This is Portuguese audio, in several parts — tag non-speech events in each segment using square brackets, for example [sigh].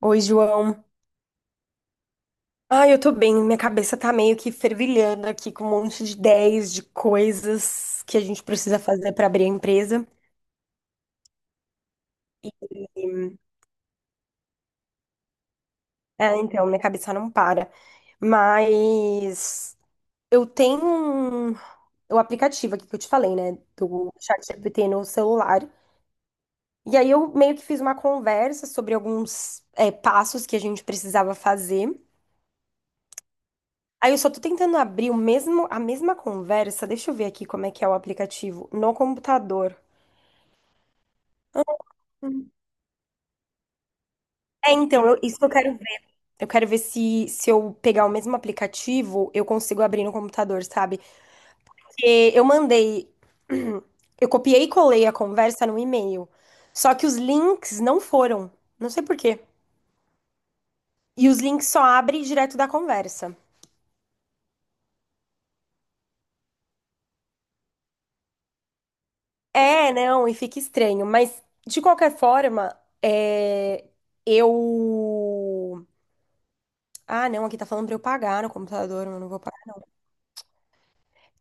Oi, João. Eu tô bem. Minha cabeça tá meio que fervilhando aqui com um monte de ideias de coisas que a gente precisa fazer pra abrir a empresa. E, Minha cabeça não para. Mas eu o aplicativo aqui que eu te falei, né, do ChatGPT no celular. E aí eu meio que fiz uma conversa sobre alguns passos que a gente precisava fazer. Aí eu só tô tentando abrir a mesma conversa. Deixa eu ver aqui como é que é o aplicativo no computador. Isso que eu quero ver. Eu quero ver se eu pegar o mesmo aplicativo, eu consigo abrir no computador, sabe? Porque eu mandei. [clears throat] Eu copiei e colei a conversa no e-mail. Só que os links não foram. Não sei por quê. E os links só abrem direto da conversa. É, não, e fica estranho. Mas, de qualquer forma, é, eu. Ah, não, aqui tá falando pra eu pagar no computador, mas eu não vou pagar.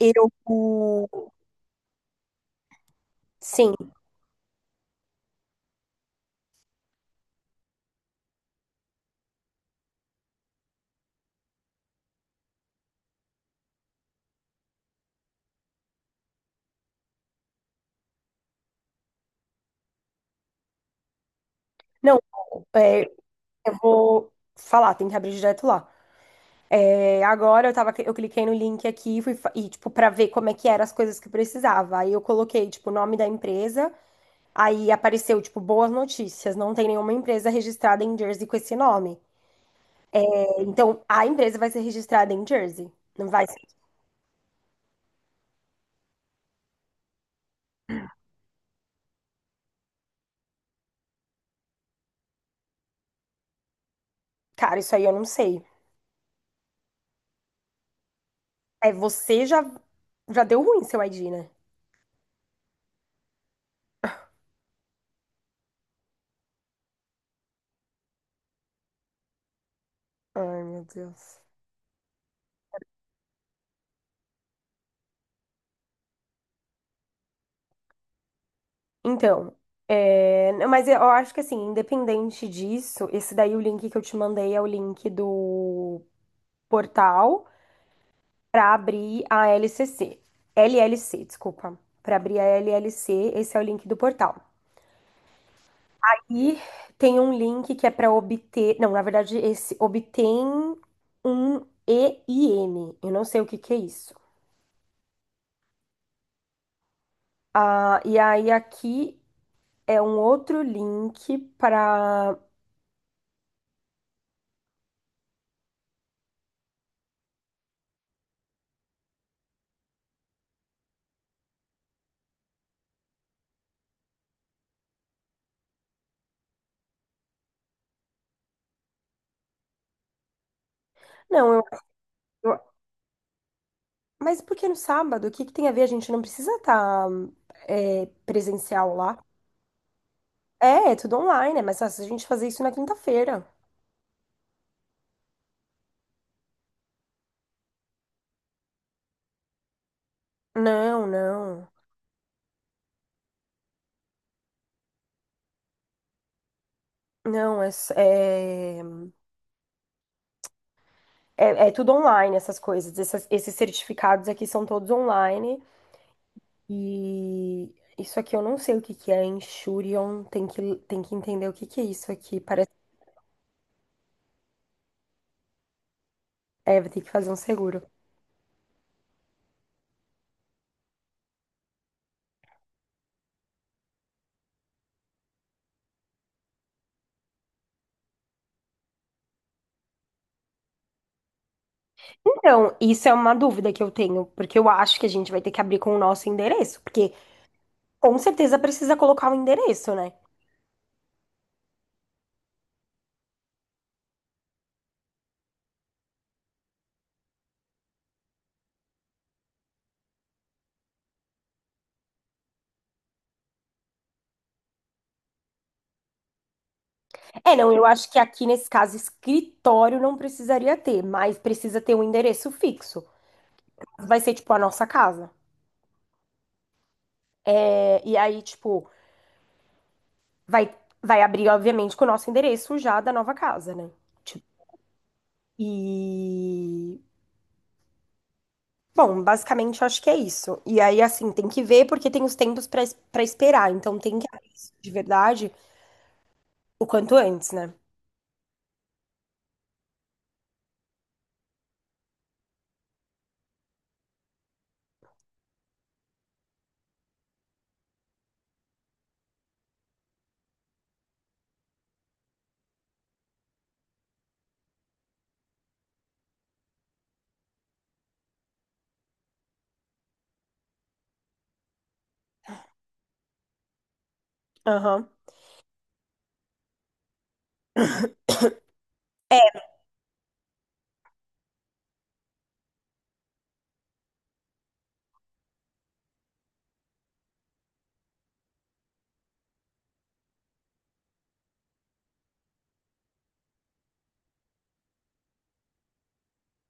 Eu. Sim. Não, é, eu vou falar, tem que abrir direto lá. Agora eu tava, eu cliquei no link aqui e tipo, pra ver como é que eram as coisas que eu precisava. Aí eu coloquei, tipo, o nome da empresa, aí apareceu, tipo, boas notícias. Não tem nenhuma empresa registrada em Jersey com esse nome. Então, a empresa vai ser registrada em Jersey. Não vai ser. Cara, isso aí eu não sei. É, você já, já deu ruim seu ID, né? Ai, meu Deus. Então, é, não, mas eu acho que assim, independente disso, esse daí o link que eu te mandei é o link do portal para abrir a LCC. LLC, desculpa. Para abrir a LLC, esse é o link do portal. E tem um link que é para obter, não, na verdade, esse obtém um e i EIN. Eu não sei o que que é isso. E aí aqui é um outro link para. Não, eu Mas por que no sábado? O que que tem a ver? A gente não precisa estar presencial lá. É, é tudo online, é mais fácil a gente fazer isso na quinta-feira. Não, não. Não, é, s- é, é tudo online essas coisas. Esses certificados aqui são todos online. E isso aqui eu não sei o que que é. Insurance, tem que entender o que que é isso aqui. Vai ter que fazer um seguro. Então, isso é uma dúvida que eu tenho, porque eu acho que a gente vai ter que abrir com o nosso endereço, porque com certeza precisa colocar o endereço, né? É, não, eu acho que aqui nesse caso escritório não precisaria ter, mas precisa ter um endereço fixo. Vai ser tipo a nossa casa. É, e aí, tipo, vai, vai abrir, obviamente, com o nosso endereço já da nova casa, né? Tipo, e. Bom, basicamente eu acho que é isso. E aí, assim, tem que ver porque tem os tempos pra esperar. Então tem que abrir isso de verdade. O quanto antes, né? Aham. É,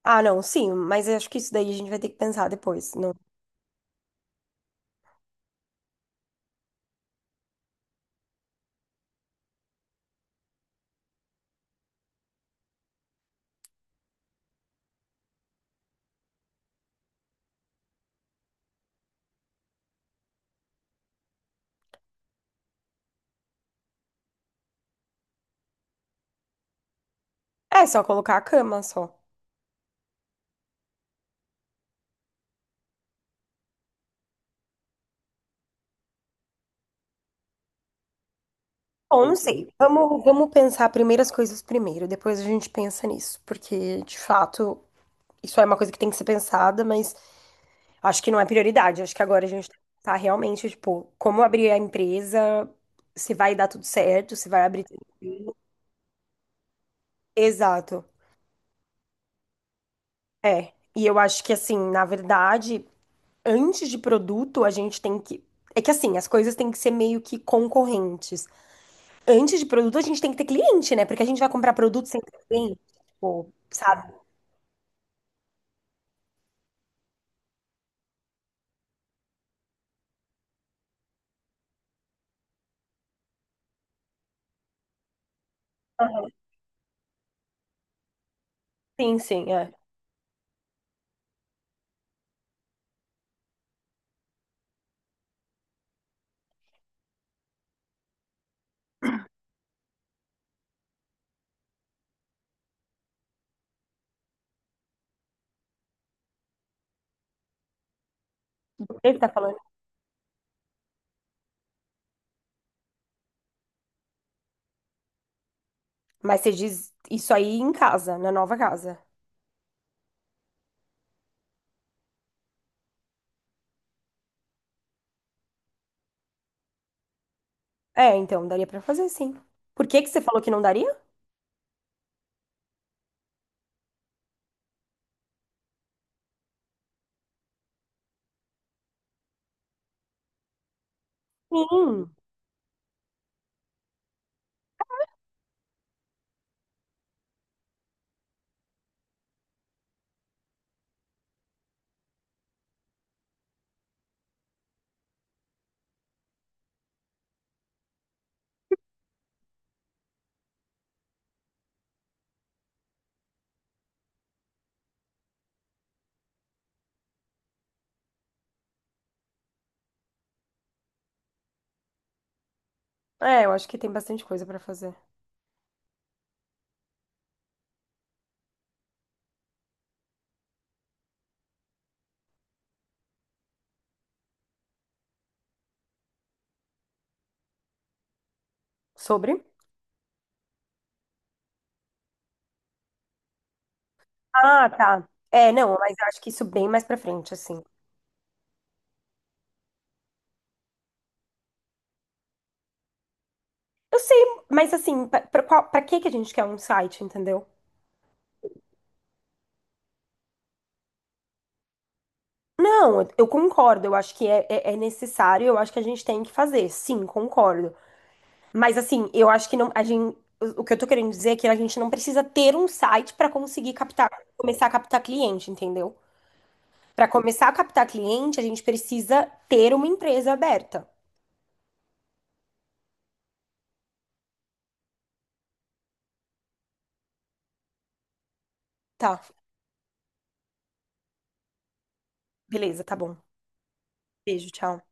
não, sim, mas eu acho que isso daí a gente vai ter que pensar depois. Não. É só colocar a cama só. Bom, não sei. Vamos pensar primeiro as coisas primeiro, depois a gente pensa nisso, porque de fato isso é uma coisa que tem que ser pensada, mas acho que não é prioridade. Acho que agora a gente tem que pensar realmente, tipo, como abrir a empresa, se vai dar tudo certo, se vai abrir. Exato. É. E eu acho que assim, na verdade. Antes de produto, a gente tem que. É que assim, as coisas têm que ser meio que concorrentes. Antes de produto, a gente tem que ter cliente, né? Porque a gente vai comprar produto sem ter cliente, tipo, sabe? Aham. Sim, é. Ele tá falando. Mas você diz isso aí em casa, na nova casa. É, então, daria pra fazer, sim. Por que que você falou que não daria? Sim. É, eu acho que tem bastante coisa pra fazer. Sobre? Ah, tá. É, não, mas eu acho que isso bem mais pra frente, assim. Eu sei, mas assim, pra que que a gente quer um site, entendeu? Não, eu concordo. Eu acho que é necessário. Eu acho que a gente tem que fazer. Sim, concordo. Mas assim, eu acho que não. A gente, o que eu tô querendo dizer é que a gente não precisa ter um site para conseguir captar, começar a captar cliente, entendeu? Para começar a captar cliente, a gente precisa ter uma empresa aberta. Tá, beleza, tá bom. Beijo, tchau.